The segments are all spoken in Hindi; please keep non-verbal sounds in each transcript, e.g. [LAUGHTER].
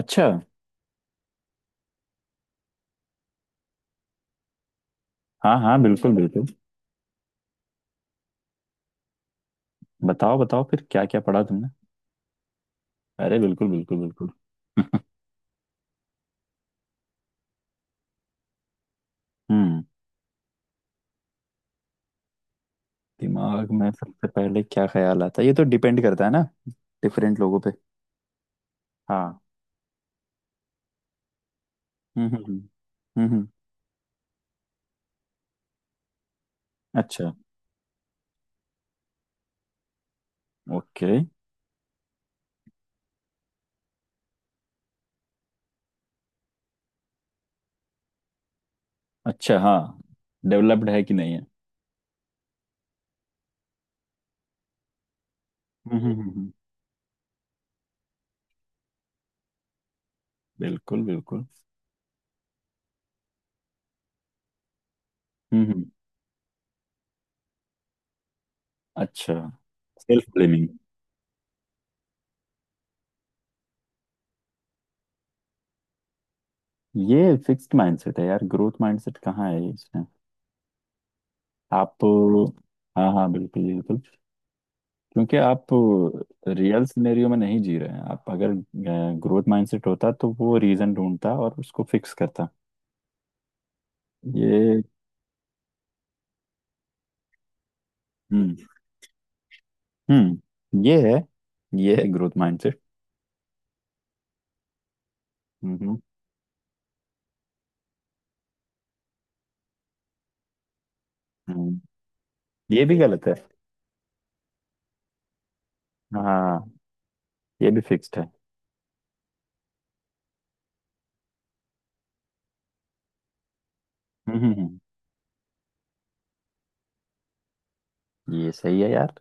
अच्छा। हाँ हाँ, बिल्कुल बिल्कुल। बताओ बताओ, फिर क्या क्या पढ़ा तुमने। अरे बिल्कुल बिल्कुल बिल्कुल। हम्म। दिमाग में सबसे पहले क्या ख्याल आता है, ये तो डिपेंड करता है ना, डिफरेंट लोगों पे। हाँ। हम्म। हम्म। अच्छा। ओके। अच्छा। हाँ, डेवलप्ड है कि नहीं है। हम्म। बिल्कुल बिल्कुल। हम्म। अच्छा। Self blaming. ये फिक्स्ड माइंडसेट है यार, ग्रोथ माइंडसेट कहाँ है इसमें। आप। हाँ हाँ, बिल्कुल बिल्कुल। क्योंकि आप रियल सिनेरियो में नहीं जी रहे हैं। आप, अगर ग्रोथ माइंडसेट होता तो वो रीजन ढूंढता और उसको फिक्स करता। ये। हम्म। हम्म, ये है। ये है ग्रोथ माइंडसेट। हम्म हम्म। ये भी गलत है। हाँ, ये भी फिक्स्ड है। हम्म। ये सही है यार।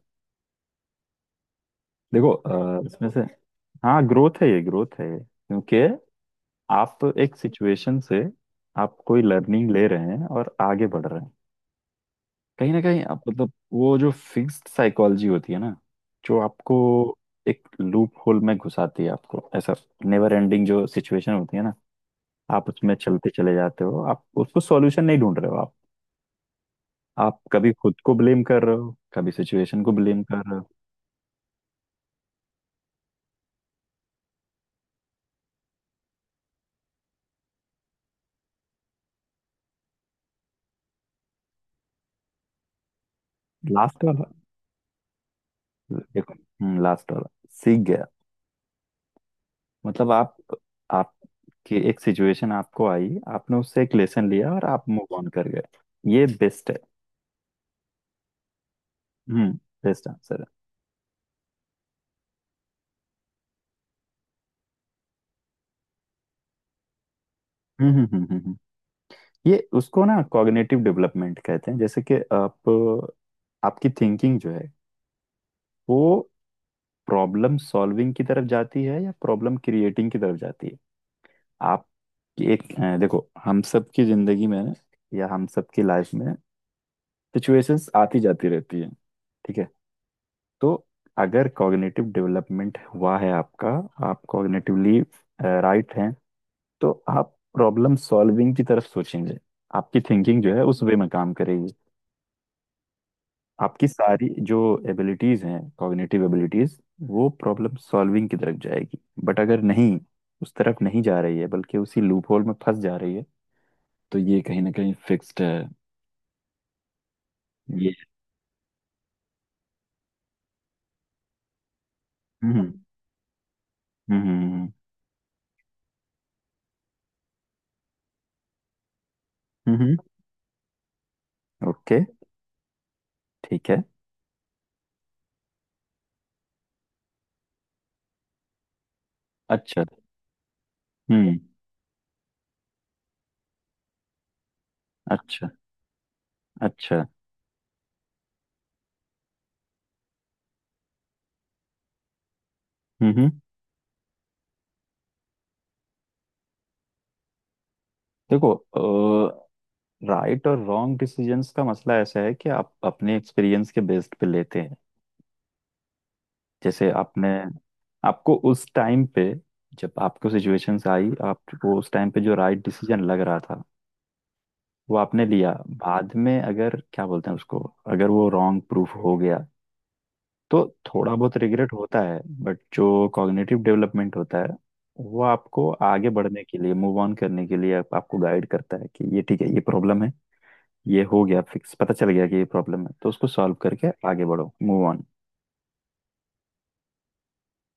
देखो इसमें से। हाँ, ग्रोथ है। ये ग्रोथ है ये। क्योंकि आप एक सिचुएशन से, आप कोई लर्निंग ले रहे हैं और आगे बढ़ रहे हैं। कहीं ना कहीं आप मतलब वो जो फिक्स्ड साइकोलॉजी होती है ना, जो आपको एक लूप होल में घुसाती है, आपको ऐसा नेवर एंडिंग जो सिचुएशन होती है ना, आप उसमें चलते चले जाते हो। आप उसको सॉल्यूशन नहीं ढूंढ रहे हो। आप कभी खुद को ब्लेम कर रहे हो, कभी सिचुएशन को ब्लेम कर रहे हो। लास्ट वाला। देखो, लास्ट वाला। सीख गया। मतलब आप, आपकी एक सिचुएशन आपको आई, आपने उससे एक लेसन लिया और आप मूव ऑन कर गए। ये बेस्ट है। हम्म। बेस्ट आंसर है। हम्म हम्म हम्म हम्म, हम्म। ये उसको ना कॉग्निटिव डेवलपमेंट कहते हैं। जैसे कि आप, आपकी थिंकिंग जो है, वो प्रॉब्लम सॉल्विंग की तरफ जाती है या प्रॉब्लम क्रिएटिंग की तरफ जाती है। आप एक देखो, हम सब की जिंदगी में ना, या हम सब की लाइफ में सिचुएशंस आती जाती रहती है। ठीक है। तो अगर कॉग्निटिव डेवलपमेंट हुआ है आपका, आप कॉग्निटिवली राइट हैं, तो आप प्रॉब्लम सॉल्विंग की तरफ सोचेंगे। आपकी थिंकिंग जो है, उस वे में काम करेगी। आपकी सारी जो एबिलिटीज हैं, कॉग्निटिव एबिलिटीज, वो प्रॉब्लम सॉल्विंग की तरफ जाएगी। बट अगर नहीं, उस तरफ नहीं जा रही है बल्कि उसी लूप होल में फंस जा रही है, तो ये कहीं ना कहीं फिक्स्ड है। ये। हम्म हम्म हम्म। ओके। ठीक है। अच्छा। हम्म। अच्छा। अच्छा। हम्म हम्म। देखो, राइट और रॉन्ग डिसीजंस का मसला ऐसा है कि आप अपने एक्सपीरियंस के बेस्ड पे लेते हैं। जैसे आपने, आपको उस टाइम पे, जब आपको सिचुएशंस आई, आपको उस टाइम पे जो राइट डिसीजन लग रहा था, वो आपने लिया। बाद में अगर क्या बोलते हैं उसको, अगर वो रॉन्ग प्रूफ हो गया, तो थोड़ा बहुत रिग्रेट होता है। बट जो कॉग्निटिव डेवलपमेंट होता है, वो आपको आगे बढ़ने के लिए, मूव ऑन करने के लिए आपको गाइड करता है कि ये ठीक है, ये प्रॉब्लम है। ये हो गया फिक्स, पता चल गया कि ये प्रॉब्लम है, तो उसको सॉल्व करके आगे बढ़ो, मूव ऑन।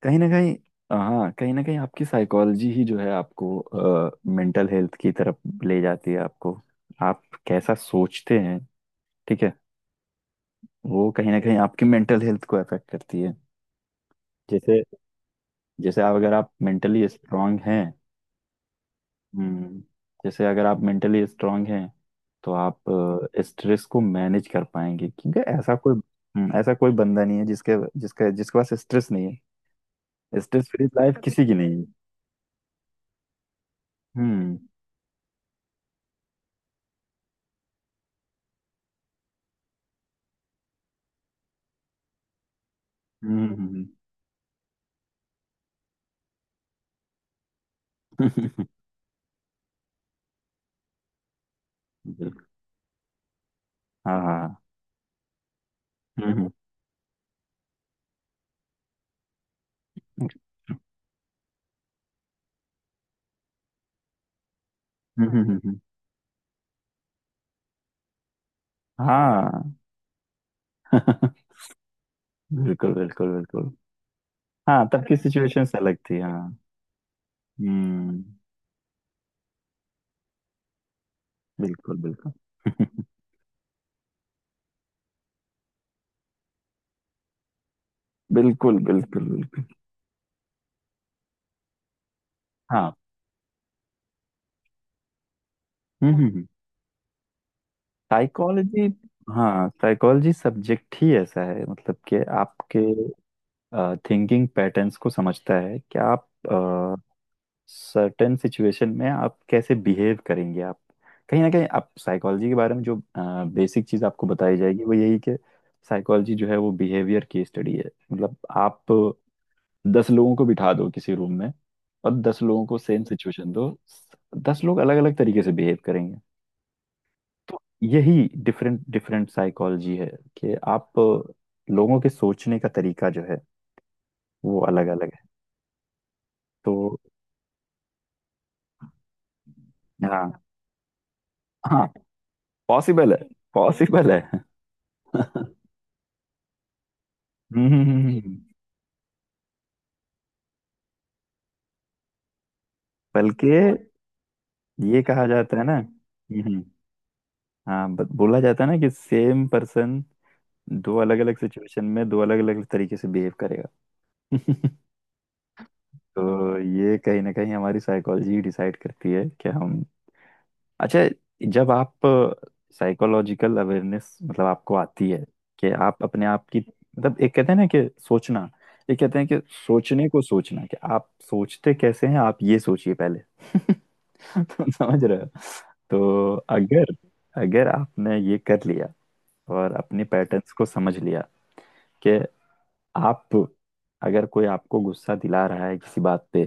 कहीं ना कहीं, हाँ कहीं ना कहीं आपकी साइकोलॉजी ही जो है, आपको मेंटल हेल्थ की तरफ ले जाती है। आपको, आप कैसा सोचते हैं, ठीक है, वो कहीं ना कहीं आपकी मेंटल हेल्थ को अफेक्ट करती है। जैसे, जैसे आप, अगर आप मेंटली स्ट्रांग हैं, हम्म, जैसे अगर आप मेंटली स्ट्रांग हैं तो आप स्ट्रेस को मैनेज कर पाएंगे। क्योंकि ऐसा कोई, ऐसा कोई बंदा नहीं है जिसके जिसके जिसके पास स्ट्रेस नहीं है। स्ट्रेस फ्री लाइफ किसी की नहीं है। हम्म हम्म हम्म, हम्म। [LAUGHS] बिल्कुल। हाँ हाँ। हम्म हम्म हम्म। हाँ। [LAUGHS] बिल्कुल बिल्कुल बिल्कुल। हाँ, तब की सिचुएशन अलग थी। हाँ। हम्म। बिल्कुल बिल्कुल। [LAUGHS] बिल्कुल बिल्कुल बिल्कुल। हाँ। हम्म। साइकोलॉजी। हाँ, साइकोलॉजी सब्जेक्ट ही ऐसा है। मतलब कि आपके थिंकिंग पैटर्न्स को समझता है कि आप सर्टेन सिचुएशन में आप कैसे बिहेव करेंगे। आप कहीं ना कहीं आप साइकोलॉजी के बारे में जो बेसिक चीज़ आपको बताई जाएगी वो यही कि साइकोलॉजी जो है वो बिहेवियर की स्टडी है। मतलब आप दस लोगों को बिठा दो किसी रूम में, और दस लोगों को सेम सिचुएशन दो, दस लोग अलग अलग तरीके से बिहेव करेंगे। तो यही डिफरेंट डिफरेंट साइकोलॉजी है, कि आप लोगों के सोचने का तरीका जो है, वो अलग अलग है। तो हाँ। हाँ, पॉसिबल है, पॉसिबल है। [LAUGHS] हम्म, बल्कि ये कहा जाता है ना। हम्म। हाँ, बोला जाता है ना, कि सेम पर्सन दो अलग अलग सिचुएशन में दो अलग अलग तरीके से बिहेव करेगा। [LAUGHS] तो ये कहीं ना कहीं हमारी साइकोलॉजी डिसाइड करती है कि हम, अच्छा, जब आप साइकोलॉजिकल अवेयरनेस मतलब आपको आती है, कि आप अपने आप की मतलब, एक कहते हैं ना कि सोचना, एक कहते हैं कि सोचने को सोचना, कि आप सोचते कैसे हैं आप, ये सोचिए पहले। [LAUGHS] [LAUGHS] तुम समझ रहे हो। तो अगर, अगर आपने ये कर लिया और अपने पैटर्न्स को समझ लिया, कि आप, अगर कोई आपको गुस्सा दिला रहा है किसी बात पे,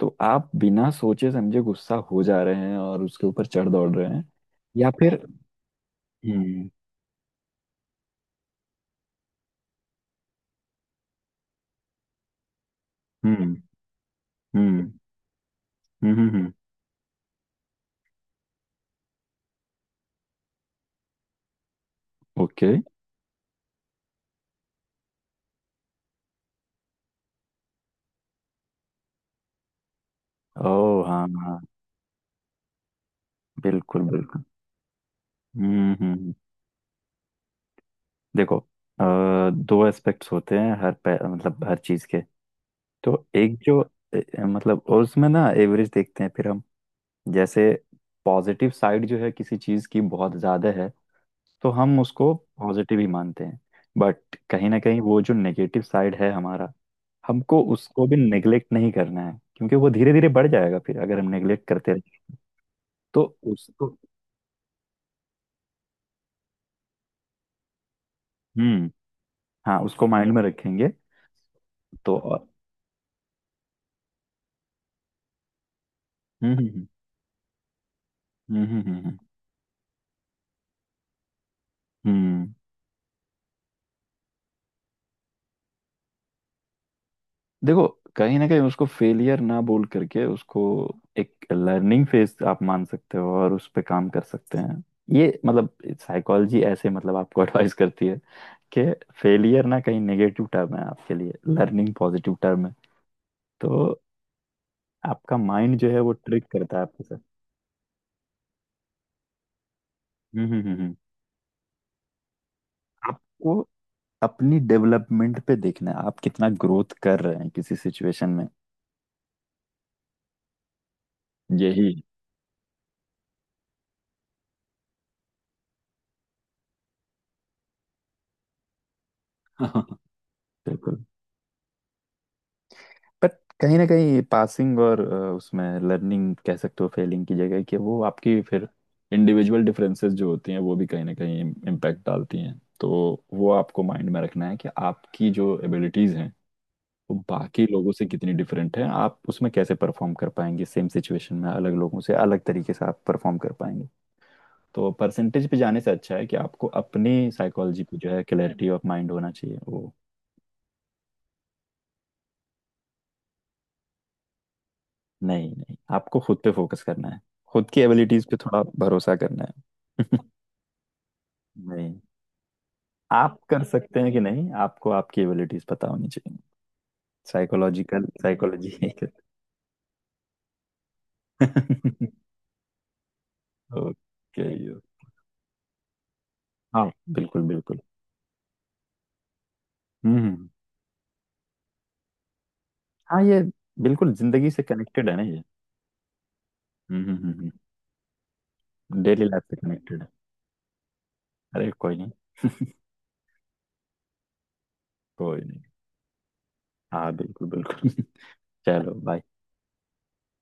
तो आप बिना सोचे समझे गुस्सा हो जा रहे हैं और उसके ऊपर चढ़ दौड़ रहे हैं, या फिर, हम्म। हम्म हम्म हम्म। ओके। ओ हाँ हाँ, बिल्कुल बिल्कुल। हम्म हम्म हम्म। देखो दो एस्पेक्ट्स होते हैं मतलब हर चीज के। तो एक जो ए- मतलब, और उसमें ना एवरेज देखते हैं फिर हम। जैसे पॉजिटिव साइड जो है किसी चीज की बहुत ज्यादा है, तो हम उसको पॉजिटिव ही मानते हैं। बट कहीं ना कहीं वो जो नेगेटिव साइड है हमारा, हमको उसको भी नेग्लेक्ट नहीं करना है, क्योंकि वो धीरे धीरे बढ़ जाएगा फिर, अगर हम नेग्लेक्ट करते रहे। तो उसको, हम्म, हाँ उसको माइंड में रखेंगे। तो और, हम्म हम्म हम्म हम्म हम्म हम्म, हम्म। देखो, कहीं ना कहीं उसको फेलियर ना बोल करके उसको एक लर्निंग फेज आप मान सकते हो, और उस पे काम कर सकते हैं। ये मतलब साइकोलॉजी ऐसे मतलब आपको [LAUGHS] एडवाइस करती है, कि फेलियर ना कहीं नेगेटिव टर्म है आपके लिए, लर्निंग पॉजिटिव टर्म है। तो आपका माइंड जो है, वो ट्रिक करता है आपके साथ। हम्म हम्म हम्म हम्म। आपको अपनी डेवलपमेंट पे देखना है, आप कितना ग्रोथ कर रहे हैं किसी सिचुएशन में। यही। [LAUGHS] बिल्कुल। बट कहीं ना कहीं पासिंग और उसमें लर्निंग कह सकते हो फेलिंग की जगह, कि वो आपकी फिर इंडिविजुअल डिफरेंसेस जो होती हैं, वो भी कहीं ना कहीं इम्पैक्ट डालती हैं। तो वो आपको माइंड में रखना है कि आपकी जो एबिलिटीज़ हैं, वो बाकी लोगों से कितनी डिफरेंट हैं। आप उसमें कैसे परफॉर्म कर पाएंगे, सेम सिचुएशन में अलग लोगों से अलग तरीके से आप परफॉर्म कर पाएंगे। तो परसेंटेज पे जाने से अच्छा है कि आपको अपनी साइकोलॉजी पे जो है क्लैरिटी ऑफ माइंड होना चाहिए वो। नहीं नहीं, आपको खुद पे फोकस करना है। खुद की एबिलिटीज पे थोड़ा भरोसा करना है। [LAUGHS] नहीं, आप कर सकते हैं कि नहीं, आपको आपकी एबिलिटीज पता होनी चाहिए। Psychological psychology. ओके। [LAUGHS] हाँ बिल्कुल बिल्कुल। हम्म। हाँ, ये बिल्कुल जिंदगी से कनेक्टेड है ना ये। हम्म। डेली लाइफ से कनेक्टेड है। अरे कोई नहीं। कोई नहीं। हाँ बिल्कुल बिल्कुल। [LAUGHS] चलो, बाय।